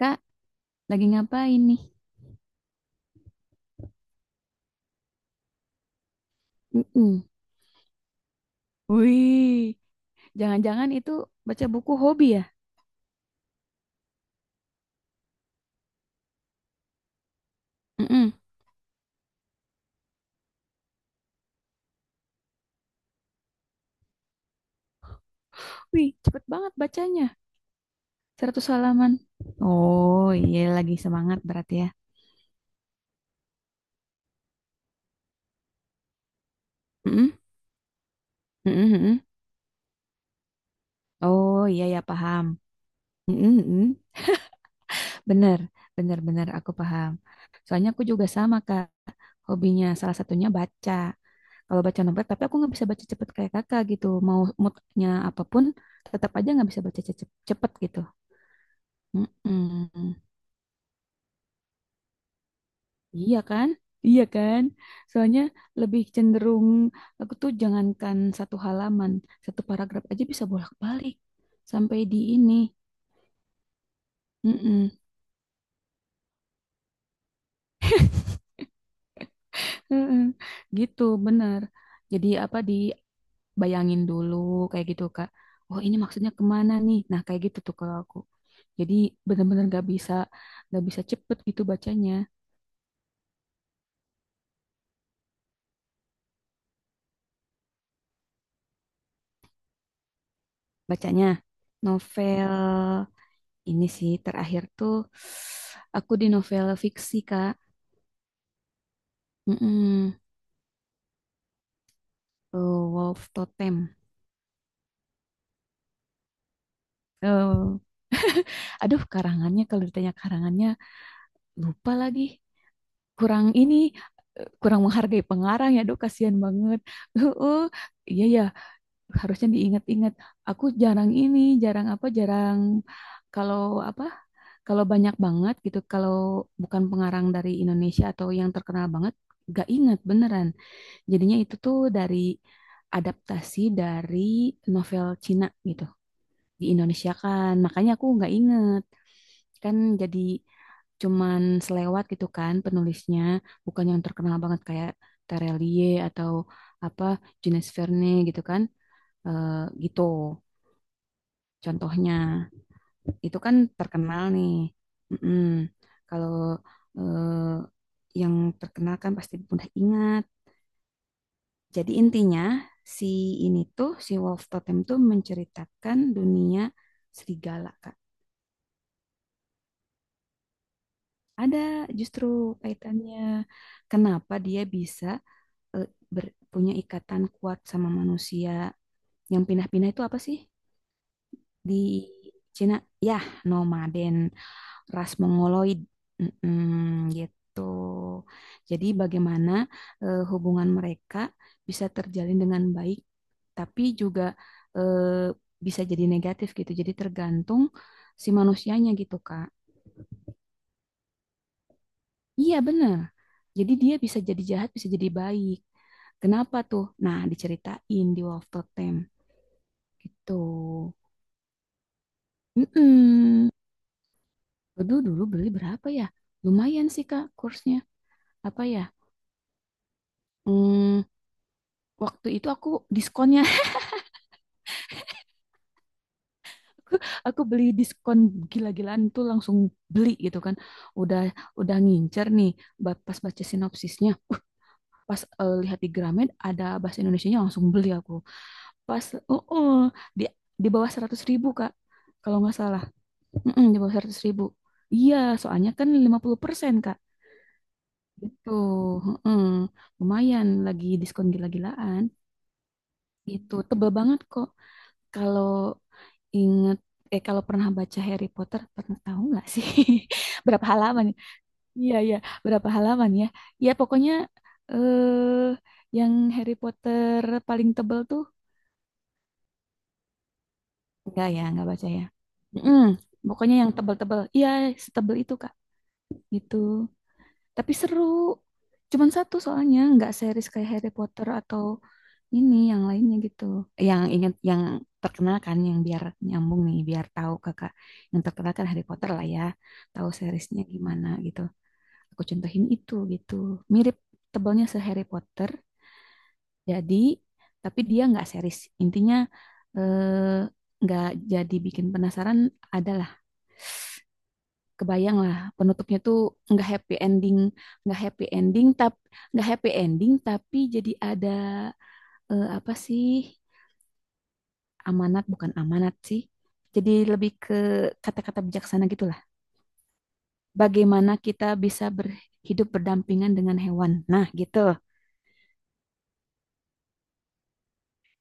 Kak, lagi ngapain nih? Mm-mm. Wih, jangan-jangan itu baca buku hobi ya? Mm-mm. Wih, cepet banget bacanya. 100 halaman. Oh, iya lagi semangat berarti ya. Mm-mm. Mm-mm, mm-mm. Oh, iya ya paham. Mm-mm, mm-mm. Bener, bener, bener aku paham. Soalnya aku juga sama Kak, hobinya salah satunya baca. Kalau baca novel, tapi aku nggak bisa baca cepet kayak kakak gitu. Mau moodnya apapun, tetap aja nggak bisa baca cepet gitu. Mm-mm. Iya kan? Iya kan? Soalnya lebih cenderung aku tuh jangankan satu halaman, satu paragraf aja bisa bolak-balik sampai di ini. Mm-mm. Mm-mm. Gitu, bener. Jadi apa dibayangin dulu kayak gitu, Kak. Oh, ini maksudnya kemana nih? Nah, kayak gitu tuh kalau aku. Jadi bener-bener gak bisa cepet gitu bacanya. Bacanya novel ini sih terakhir tuh aku di novel fiksi, Kak. Mm-mm. Eh, Wolf Totem. Eh, aduh, karangannya kalau ditanya karangannya lupa lagi. Kurang ini, eh, kurang menghargai pengarang ya, aduh kasihan banget. Uh, iya ya, harusnya diingat-ingat. Aku jarang ini, jarang apa, jarang kalau apa, kalau banyak banget gitu, kalau bukan pengarang dari Indonesia atau yang terkenal banget, gak ingat beneran. Jadinya itu tuh dari adaptasi dari novel Cina gitu. Di Indonesia kan. Makanya aku nggak inget. Kan jadi cuman selewat gitu kan penulisnya. Bukan yang terkenal banget kayak Terelie atau apa Jules Verne gitu kan. Eh, gitu contohnya. Itu kan terkenal nih. Mm-mm. Kalau eh, yang terkenal kan pasti mudah ingat. Jadi intinya si ini tuh si Wolf Totem tuh menceritakan dunia serigala, Kak. Ada justru kaitannya kenapa dia bisa eh, punya ikatan kuat sama manusia yang pindah-pindah itu apa sih di Cina? Ya, nomaden, ras mongoloid, mm-mm, gitu. Jadi bagaimana eh, hubungan mereka bisa terjalin dengan baik, tapi juga eh, bisa jadi negatif gitu. Jadi tergantung si manusianya gitu, Kak. Iya bener. Jadi dia bisa jadi jahat, bisa jadi baik. Kenapa tuh? Nah, diceritain di Wolverton gitu. mm Dulu dulu beli berapa ya? Lumayan sih Kak kursnya. Apa ya? Hmm, waktu itu aku diskonnya aku, aku beli diskon gila-gilaan tuh langsung beli gitu kan. Udah udah ngincer nih pas baca sinopsisnya. Pas eh, lihat di gramet ada bahasa Indonesianya langsung beli aku. Pas oh, oh, di di bawah 100.000 kak kalau nggak salah. Mm-mm, di bawah 100.000, iya soalnya kan 50% kak gitu. Mm, lumayan lagi diskon gila-gilaan itu tebel banget kok. Kalau inget eh kalau pernah baca Harry Potter pernah tahu nggak sih berapa halaman. Iya iya berapa halaman ya, ya pokoknya eh yang Harry Potter paling tebel tuh. Enggak ya, enggak baca ya. Mm, pokoknya yang tebel-tebel. Iya, setebel itu, Kak. Gitu. Tapi seru. Cuman satu soalnya, enggak series kayak Harry Potter atau ini yang lainnya gitu. Yang ingat yang terkenal kan yang biar nyambung nih, biar tahu Kakak. Yang terkenal kan Harry Potter lah ya. Tahu seriesnya gimana gitu. Aku contohin itu gitu. Mirip tebelnya se Harry Potter. Jadi, tapi dia nggak series. Intinya eh nggak jadi bikin penasaran adalah kebayang lah penutupnya tuh nggak happy ending, nggak happy ending tapi nggak happy ending tapi jadi ada eh, apa sih amanat bukan amanat sih, jadi lebih ke kata-kata bijaksana gitulah bagaimana kita bisa berhidup berdampingan dengan hewan, nah gitu.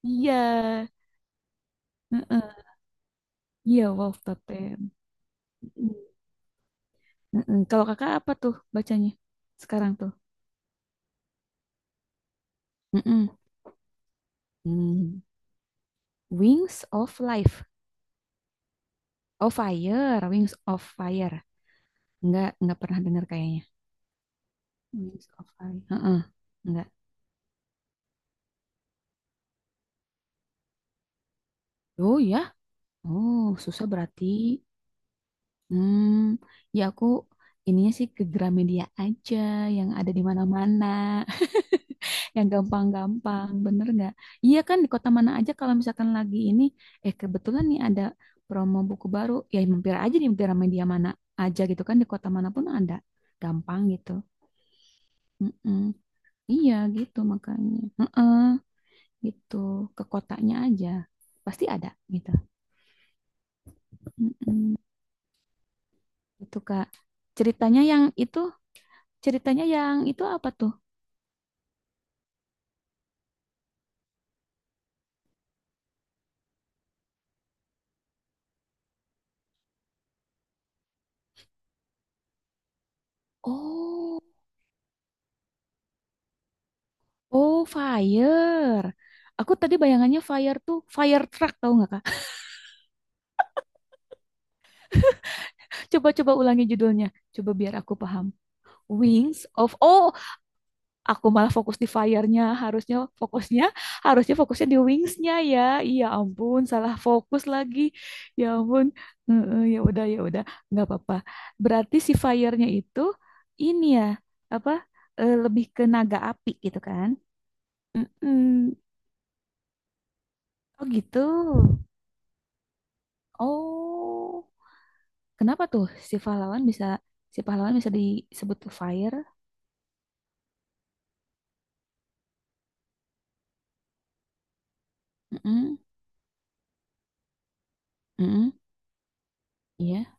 Iya. Heeh. Iya, Wolf Totem. Heeh. Kalau kakak apa tuh bacanya sekarang tuh? Heeh. Hmm. Wings of Life of Fire, Wings of Fire. Nggak pernah dengar kayaknya. Wings of Fire. Heeh, enggak. Oh ya, oh susah berarti. Hmm, ya aku ininya sih ke Gramedia aja yang ada di mana-mana, yang gampang-gampang, bener nggak? Iya kan di kota mana aja kalau misalkan lagi ini, eh kebetulan nih ada promo buku baru, ya mampir aja di Gramedia mana aja gitu kan, di kota manapun ada, gampang gitu. Mm-mm. Iya gitu makanya. Gitu ke kotanya aja pasti ada gitu. Mm-mm. Itu kak ceritanya yang itu, apa tuh? Oh oh fire, aku tadi bayangannya fire tuh fire truck tahu nggak kak. Coba coba ulangi judulnya, coba biar aku paham. Wings of oh, aku malah fokus di fire-nya, harusnya fokusnya di wings-nya ya. Iya ampun salah fokus lagi. Ya ampun. Heeh, ya udah, ya udah, nggak apa-apa. Berarti si fire-nya itu ini ya, apa eh, lebih ke naga api gitu kan. Hmm, oh gitu. Oh, kenapa tuh si pahlawan bisa si pahlawan bisa disebut fire? Mm-mm, mm-mm, iya,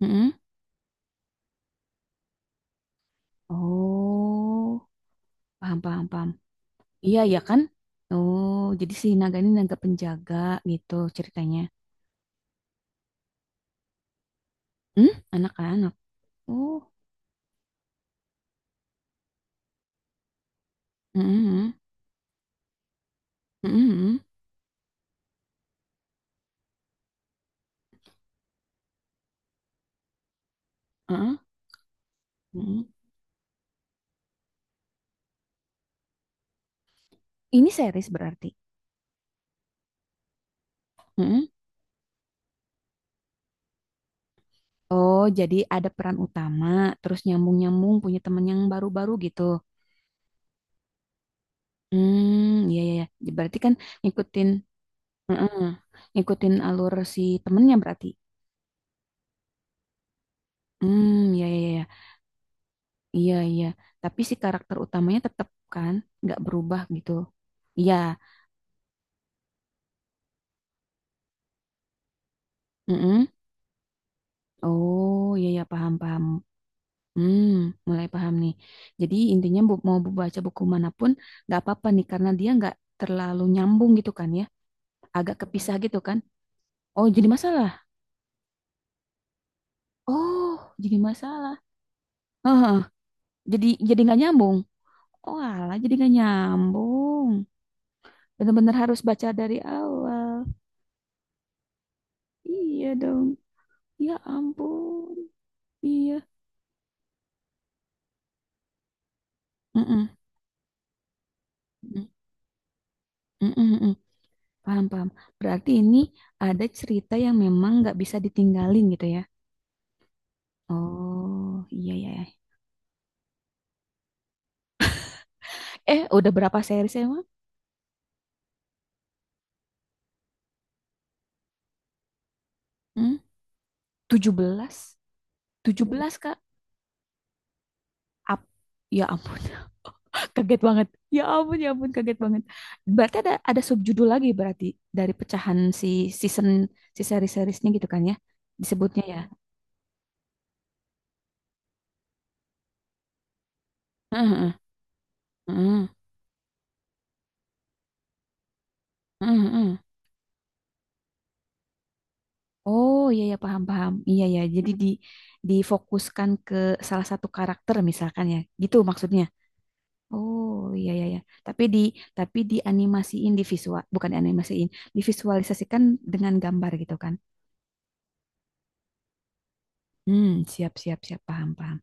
mm-mm. Oh paham, paham, paham. Iya, ya kan? Oh, jadi si naga ini naga penjaga gitu ceritanya. Hmm? Anak-anak. Oh, mm-mm, mm-mm, uh-uh, mm-mm. Ini series berarti. Mm-mm. Oh, jadi ada peran utama, terus nyambung-nyambung punya teman yang baru-baru gitu. Hmm, iya, iya, iya. Ya, berarti kan ngikutin, mm ngikutin alur si temennya berarti. Hmm, iya, iya, iya, iya, iya, iya. Tapi si karakter utamanya tetap kan, nggak berubah gitu. Iya. mm Oh, iya ya paham, paham. Hmm, mulai paham nih. Jadi intinya bu, mau baca buku manapun nggak apa-apa nih karena dia nggak terlalu nyambung gitu kan ya, agak kepisah gitu kan. Oh, jadi masalah. Oh, jadi masalah. Heeh, jadi nggak nyambung. Oh, alah, jadi nggak nyambung. Bener-bener harus baca dari awal. Iya dong. Ya ampun. Iya. Mm-mm. Mm-mm. Mm-mm. Paham, paham. Berarti ini cerita yang memang nggak bisa ditinggalin gitu ya. Oh, iya, iya. iya. Eh, udah berapa series emang? Hmm? 17. 17, Kak? Ap-, ya ampun, kaget banget. Ya ampun, kaget banget. Berarti ada subjudul lagi berarti dari pecahan si season, si seri-seriesnya gitu kan ya? Disebutnya ya. Heeh, heeh, heeh, heeh, heeh. Oh iya ya paham, paham. Iya ya. Jadi di difokuskan ke salah satu karakter misalkan ya. Gitu maksudnya. Oh iya, iya ya. Tapi di dianimasiin di visual, bukan dianimasiin, divisualisasikan dengan gambar gitu kan. Hmm, siap, siap, siap, paham, paham.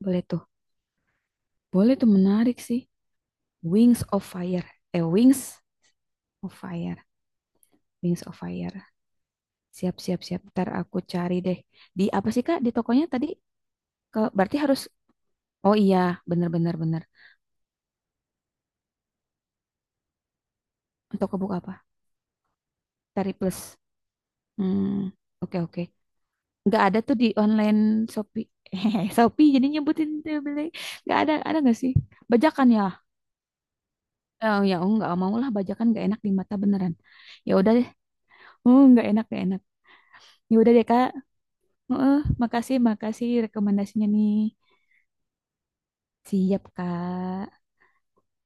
Boleh tuh. Boleh tuh, menarik sih. Wings of Fire. Eh, Wings of Fire. Wings of Fire. Siap, siap, siap. Ntar aku cari deh. Di apa sih Kak, di tokonya tadi? Ke, berarti harus, oh iya, bener, bener, bener. Toko buku apa? Tari Plus. Hmm, oke, oke. Nggak ada tuh di online Shopee. Hehe, Shopee jadi nyebutin tuh beli. Nggak ada, ada nggak sih? Bajakan ya? Oh ya, oh, nggak mau lah bajakan nggak enak di mata beneran. Ya udah deh. Oh, nggak enak, nggak enak. Ya udah deh, Kak. Heeh, makasih, makasih rekomendasinya nih. Siap, Kak.